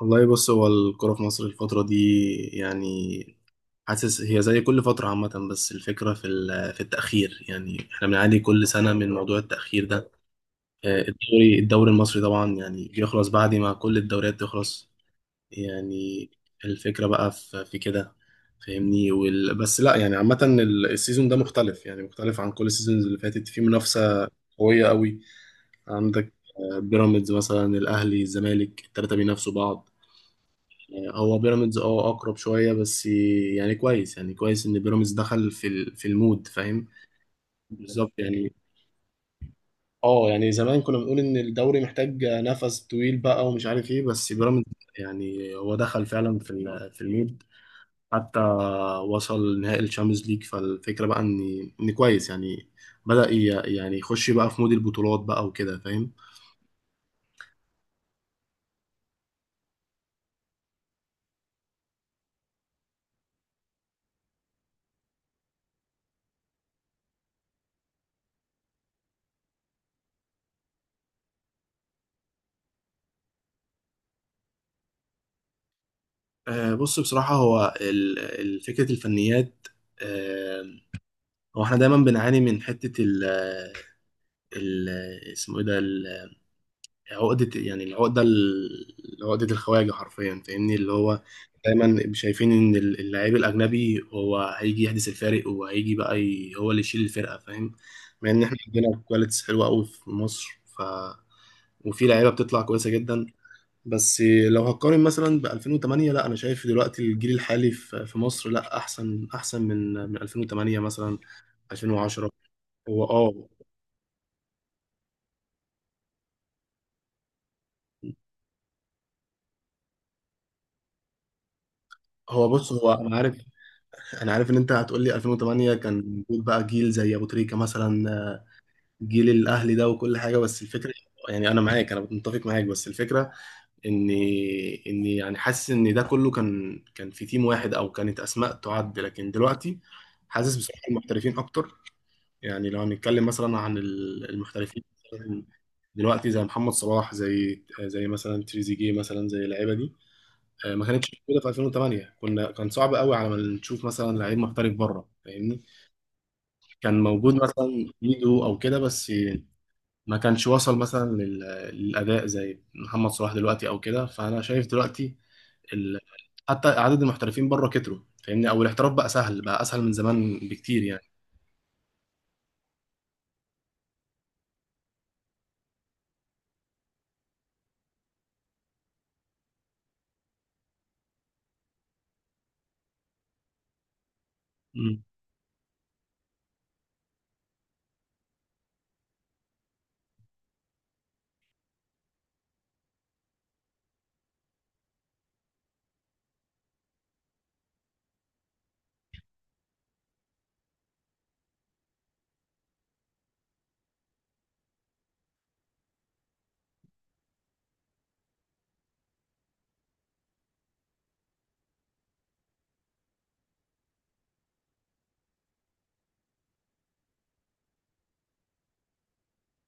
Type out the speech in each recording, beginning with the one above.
والله بص هو الكرة في مصر الفترة دي، يعني حاسس هي زي كل فترة عامة، بس الفكرة في التأخير. يعني احنا بنعاني كل سنة من موضوع التأخير ده. الدوري المصري طبعا يعني بيخلص بعد ما كل الدوريات تخلص، يعني الفكرة بقى في كده فاهمني. بس لا يعني عامة السيزون ده مختلف، يعني مختلف عن كل السيزونز اللي فاتت في منافسة قوية قوي. عندك بيراميدز مثلا، الأهلي، الزمالك، التلاتة بينافسوا بعض. هو بيراميدز اقرب شويه، بس يعني كويس، يعني كويس ان بيراميدز دخل في المود فاهم. بالظبط يعني. اه يعني زمان كنا بنقول ان الدوري محتاج نفس طويل بقى ومش عارف ايه، بس بيراميدز يعني هو دخل فعلا في المود. حتى وصل نهائي الشامبيونز ليج، فالفكره بقى ان كويس يعني. بدأ يعني يخش بقى في مود البطولات بقى وكده فاهم. بص بصراحه هو فكره الفنيات، آه، هو احنا دايما بنعاني من حتة ال- اسمه ايه ده عقدة، يعني العقدة عقدة الخواجة حرفيا فاهمني. اللي هو دايما شايفين ان اللاعب الاجنبي هو هيجي يحدث الفارق، وهيجي بقى هو اللي يشيل الفرقة فاهم. مع ان احنا عندنا كواليتيز حلوة قوي في مصر، ف وفي لعيبة بتطلع كويسة جدا. بس لو هقارن مثلا ب 2008، لا انا شايف دلوقتي الجيل الحالي في مصر لا، احسن من 2008 مثلا، 2010. هو اه هو بص هو انا عارف، ان انت هتقول لي 2008 كان موجود بقى جيل زي ابو تريكة مثلا، جيل الاهلي ده وكل حاجه. بس الفكره، يعني انا معاك، انا متفق معاك، بس الفكره اني اني يعني حاسس ان ده كله كان في تيم واحد او كانت اسماء تعد، لكن دلوقتي حاسس بصراحه المحترفين اكتر. يعني لو هنتكلم مثلا عن المحترفين مثلاً دلوقتي، زي محمد صلاح، زي مثلا تريزيجيه، مثلا زي اللعيبه دي، ما كانتش موجوده في 2008. كنا كان صعب قوي على ما نشوف مثلا لعيب محترف بره فاهمني. كان موجود مثلا ميدو او كده، بس ما كانش وصل مثلا للاداء زي محمد صلاح دلوقتي او كده. فانا شايف دلوقتي ال... حتى عدد المحترفين بره كتروا فاهمني، او الاحتراف بقى سهل، بقى اسهل من زمان بكتير يعني. مم.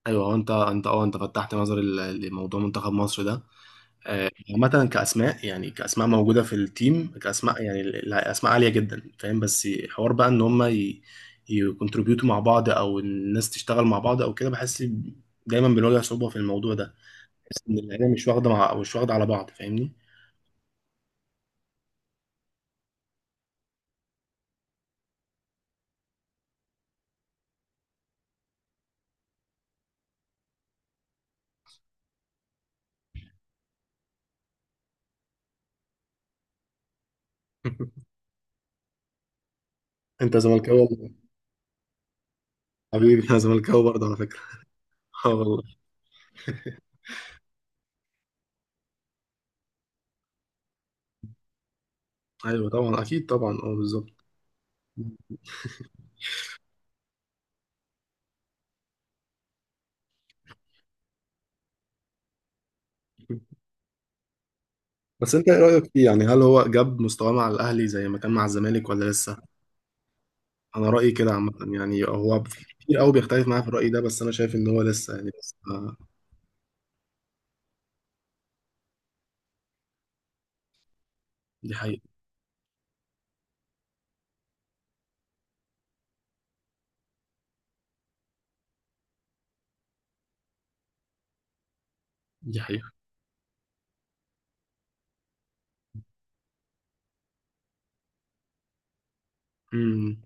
ايوه هو انت فتحت نظري لموضوع منتخب مصر ده. عامة كأسماء، يعني كأسماء موجودة في التيم، كأسماء يعني أسماء عالية جدا فاهم. بس حوار بقى إن هما يكونتريبيوتوا مع بعض، أو الناس تشتغل مع بعض أو كده، بحس دايما بنواجه صعوبة في الموضوع ده. بحس إن العيلة مش واخدة مع، أو مش واخدة على بعض فاهمني. أنت زملكاوي ولا إيه؟ حبيبي أنا زملكاوي برضه على فكرة. أه والله. أيوه طبعا أكيد طبعا، أه بالظبط. بس أنت إيه رأيك فيه؟ يعني هل هو جاب مستواه مع الأهلي زي ما كان مع الزمالك ولا لسه؟ انا رايي كده عامه، يعني هو في كتير قوي بيختلف معايا في الراي ده، بس انا شايف ان هو لسه يعني بس دي حقيقه. دي حقيقه. امم.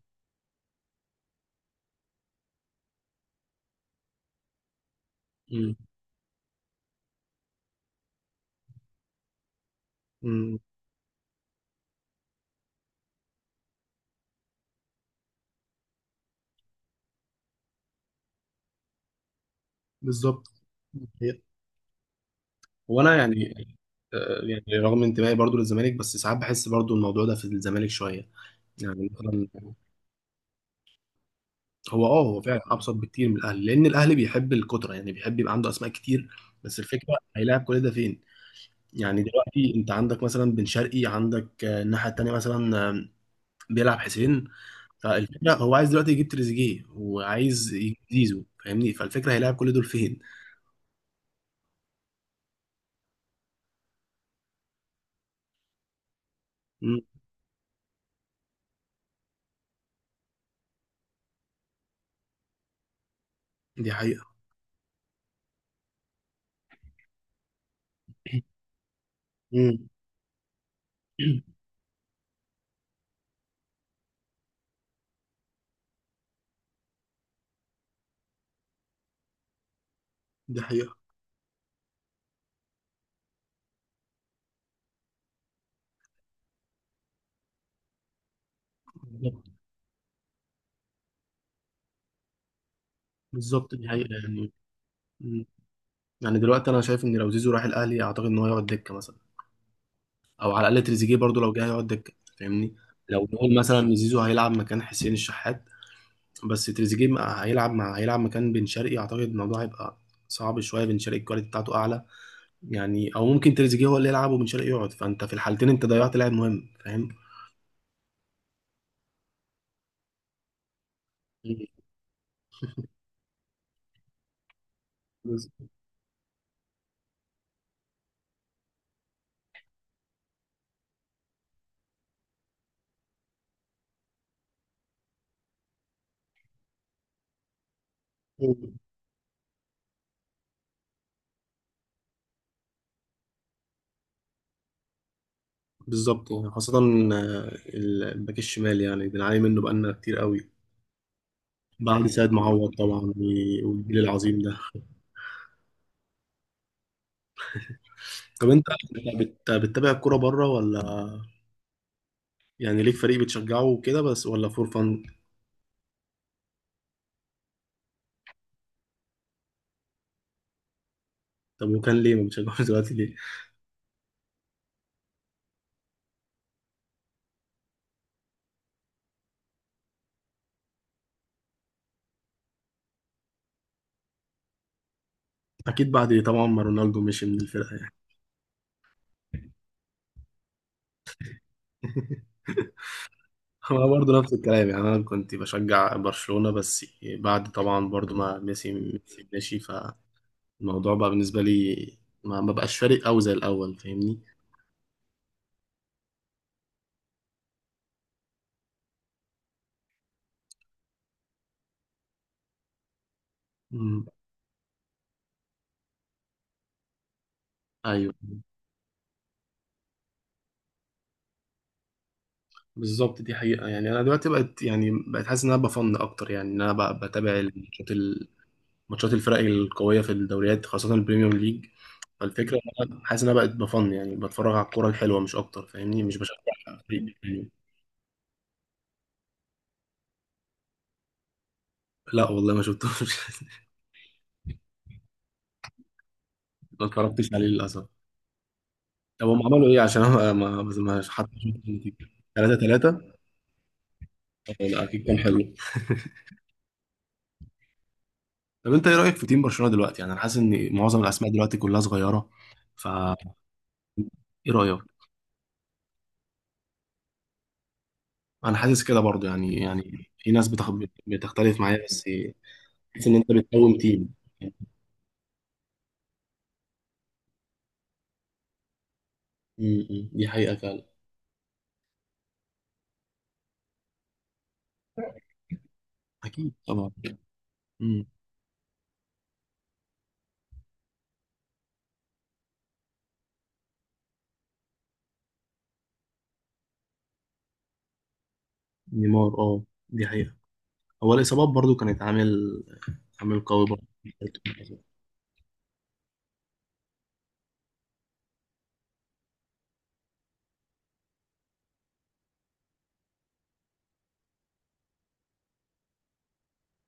امم. أمم. بالظبط، دي حقيقة. وانا يعني يعني رغم انتمائي برضو للزمالك، بس ساعات بحس برضو الموضوع ده في الزمالك شويه. يعني مثلا هو فعلا ابسط بكتير من الاهلي، لان الاهلي بيحب الكتره، يعني بيحب يبقى عنده اسماء كتير، بس الفكره هيلاعب كل ده فين؟ يعني دلوقتي انت عندك مثلا بن شرقي، عندك الناحيه التانيه مثلا بيلعب حسين. فالفكره هو عايز دلوقتي يجيب تريزيجيه وعايز يجيب زيزو فاهمني، فالفكره هيلاعب كل دول فين؟ مم. دي حقيقه. مم. دي حقيقه. بالظبط، بالظبط، دي حقيقه يعني. مم. يعني دلوقتي انا شايف ان لو زيزو راح الاهلي، اعتقد ان هو يقعد دكه مثلا، او على الاقل تريزيجيه برضو لو جه هيقعد دكه فاهمني. لو نقول مثلا ان زيزو هيلعب مكان حسين الشحات، بس تريزيجيه مع- هيلعب مع هيلعب مكان بن شرقي، اعتقد الموضوع هيبقى صعب شويه، بن شرقي الكواليتي بتاعته اعلى يعني. او ممكن تريزيجيه هو اللي يلعب وبن شرقي يقعد، فانت في الحالتين انت ضيعت لاعب مهم فاهم. بز- بالظبط يعني خاصة الباك الشمال يعني بنعاني منه بقالنا كتير قوي، بعد سيد معوض طبعا والجيل العظيم ده. طب بتتابع الكورة بره ولا يعني ليك فريق بتشجعه وكده بس، ولا فور فان؟ طب وكان ليه ما بتشجعوش دلوقتي ليه؟ اكيد بعد طبعا ما رونالدو مشي من الفرقة يعني. هو برضه نفس الكلام. يعني انا كنت بشجع برشلونة، بس بعد طبعا برضه ما ميسي ماشي، فالموضوع بقى بالنسبة لي ما بقاش فارق قوي زي الاول فاهمني. مم. ايوه بالظبط دي حقيقة يعني. انا دلوقتي بقت حاسس ان انا بفن اكتر، يعني ان انا بقى بتابع الماتشات ماتشات الفرق القوية في الدوريات، خاصة البريميوم ليج. فالفكرة إن انا حاسس ان انا بقت بفن، يعني بتفرج على الكورة الحلوة مش اكتر فاهمني، مش بشجع فريق. لا والله ما شفتوش. ما اتفرجتش عليه للاسف. طب هم عملوا ايه؟ عشان انا ما ما ما حتى شفت النتيجه. 3-3. لا اكيد كان حلو. طب انت ايه رايك في تيم برشلونه دلوقتي؟ يعني انا حاسس ان معظم الاسماء دلوقتي كلها صغيره، فا ايه رايك؟ انا حاسس كده برضو، يعني يعني في ناس بتختلف معايا، بس حاسس ان انت بتقوم تيم. امم، دي حقيقه فعلا. اكيد طبعا. امم. نيمار دي حقيقه. هو الاصابات برضو كانت عامل قوي برضو.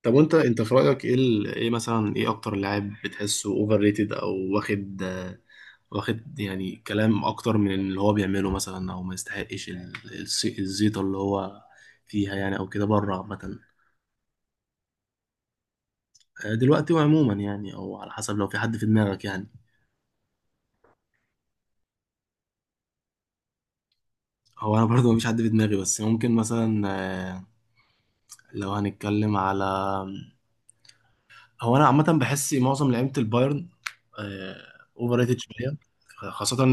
طب وانت في رايك ايه ايه مثلا، ايه اكتر لاعب بتحسه اوفر ريتد او واخد، واخد يعني كلام اكتر من اللي هو بيعمله مثلا، او ما يستحقش الزيطه اللي هو فيها يعني او كده بره عامه؟ دلوقتي وعموما يعني، او على حسب لو في حد في دماغك يعني. هو انا برضه مفيش حد في دماغي، بس ممكن مثلا آه، لو هنتكلم على، هو انا عامه بحس معظم لعيبه البايرن اوفر ريتد شويه، خاصه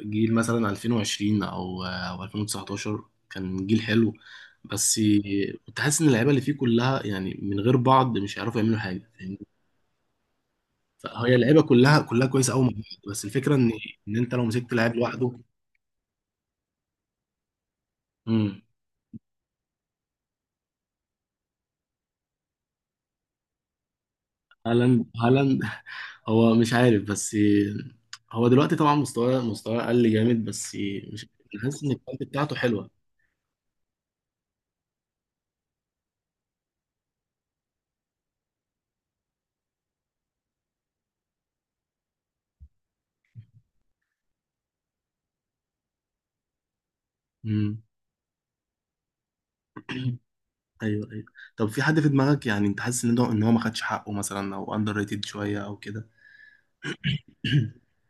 الجيل مثلا 2020 او او 2019، كان جيل حلو، بس كنت حاسس ان اللعيبه اللي فيه كلها يعني من غير بعض مش هيعرفوا يعملوا حاجه فاهمني. فهي اللعيبه كلها كويسه قوي مع بعض، بس الفكره ان انت لو مسكت لعيب لوحده. امم. هالاند. هو مش عارف، بس هو دلوقتي طبعا مستواه قل جامد، بس مش حاسس ان الكواليتي بتاعته حلوه. ايوه ايوه. طب في حد في دماغك يعني انت حاسس ان ده ان هو ما خدش حقه مثلا، او اندر ريتد شويه او كده؟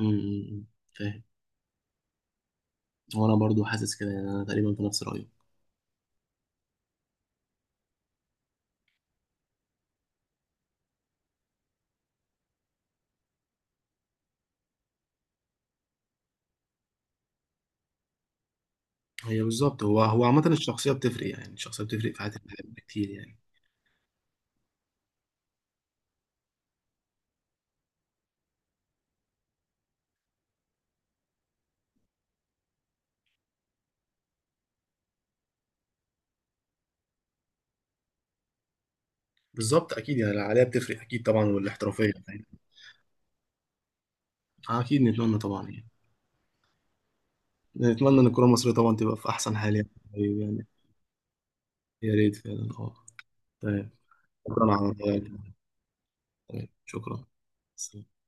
أمم، أمم، فاهم. وانا برضو حاسس كده يعني، انا تقريبا في نفس رايي. هي بالظبط، هو عامه الشخصيه بتفرق، يعني الشخصيه بتفرق في حياه الواحد كتير يعني. بالظبط، اكيد يعني العقليه بتفرق اكيد طبعا، والاحترافيه فاهم. اكيد نتمنى طبعا يعني. نتمنى ان الكره المصريه طبعا تبقى في احسن حال يعني. طيب يعني. يا ريت فعلا، اه. طيب، شكرا على رأيك. طيب شكرا. سلام.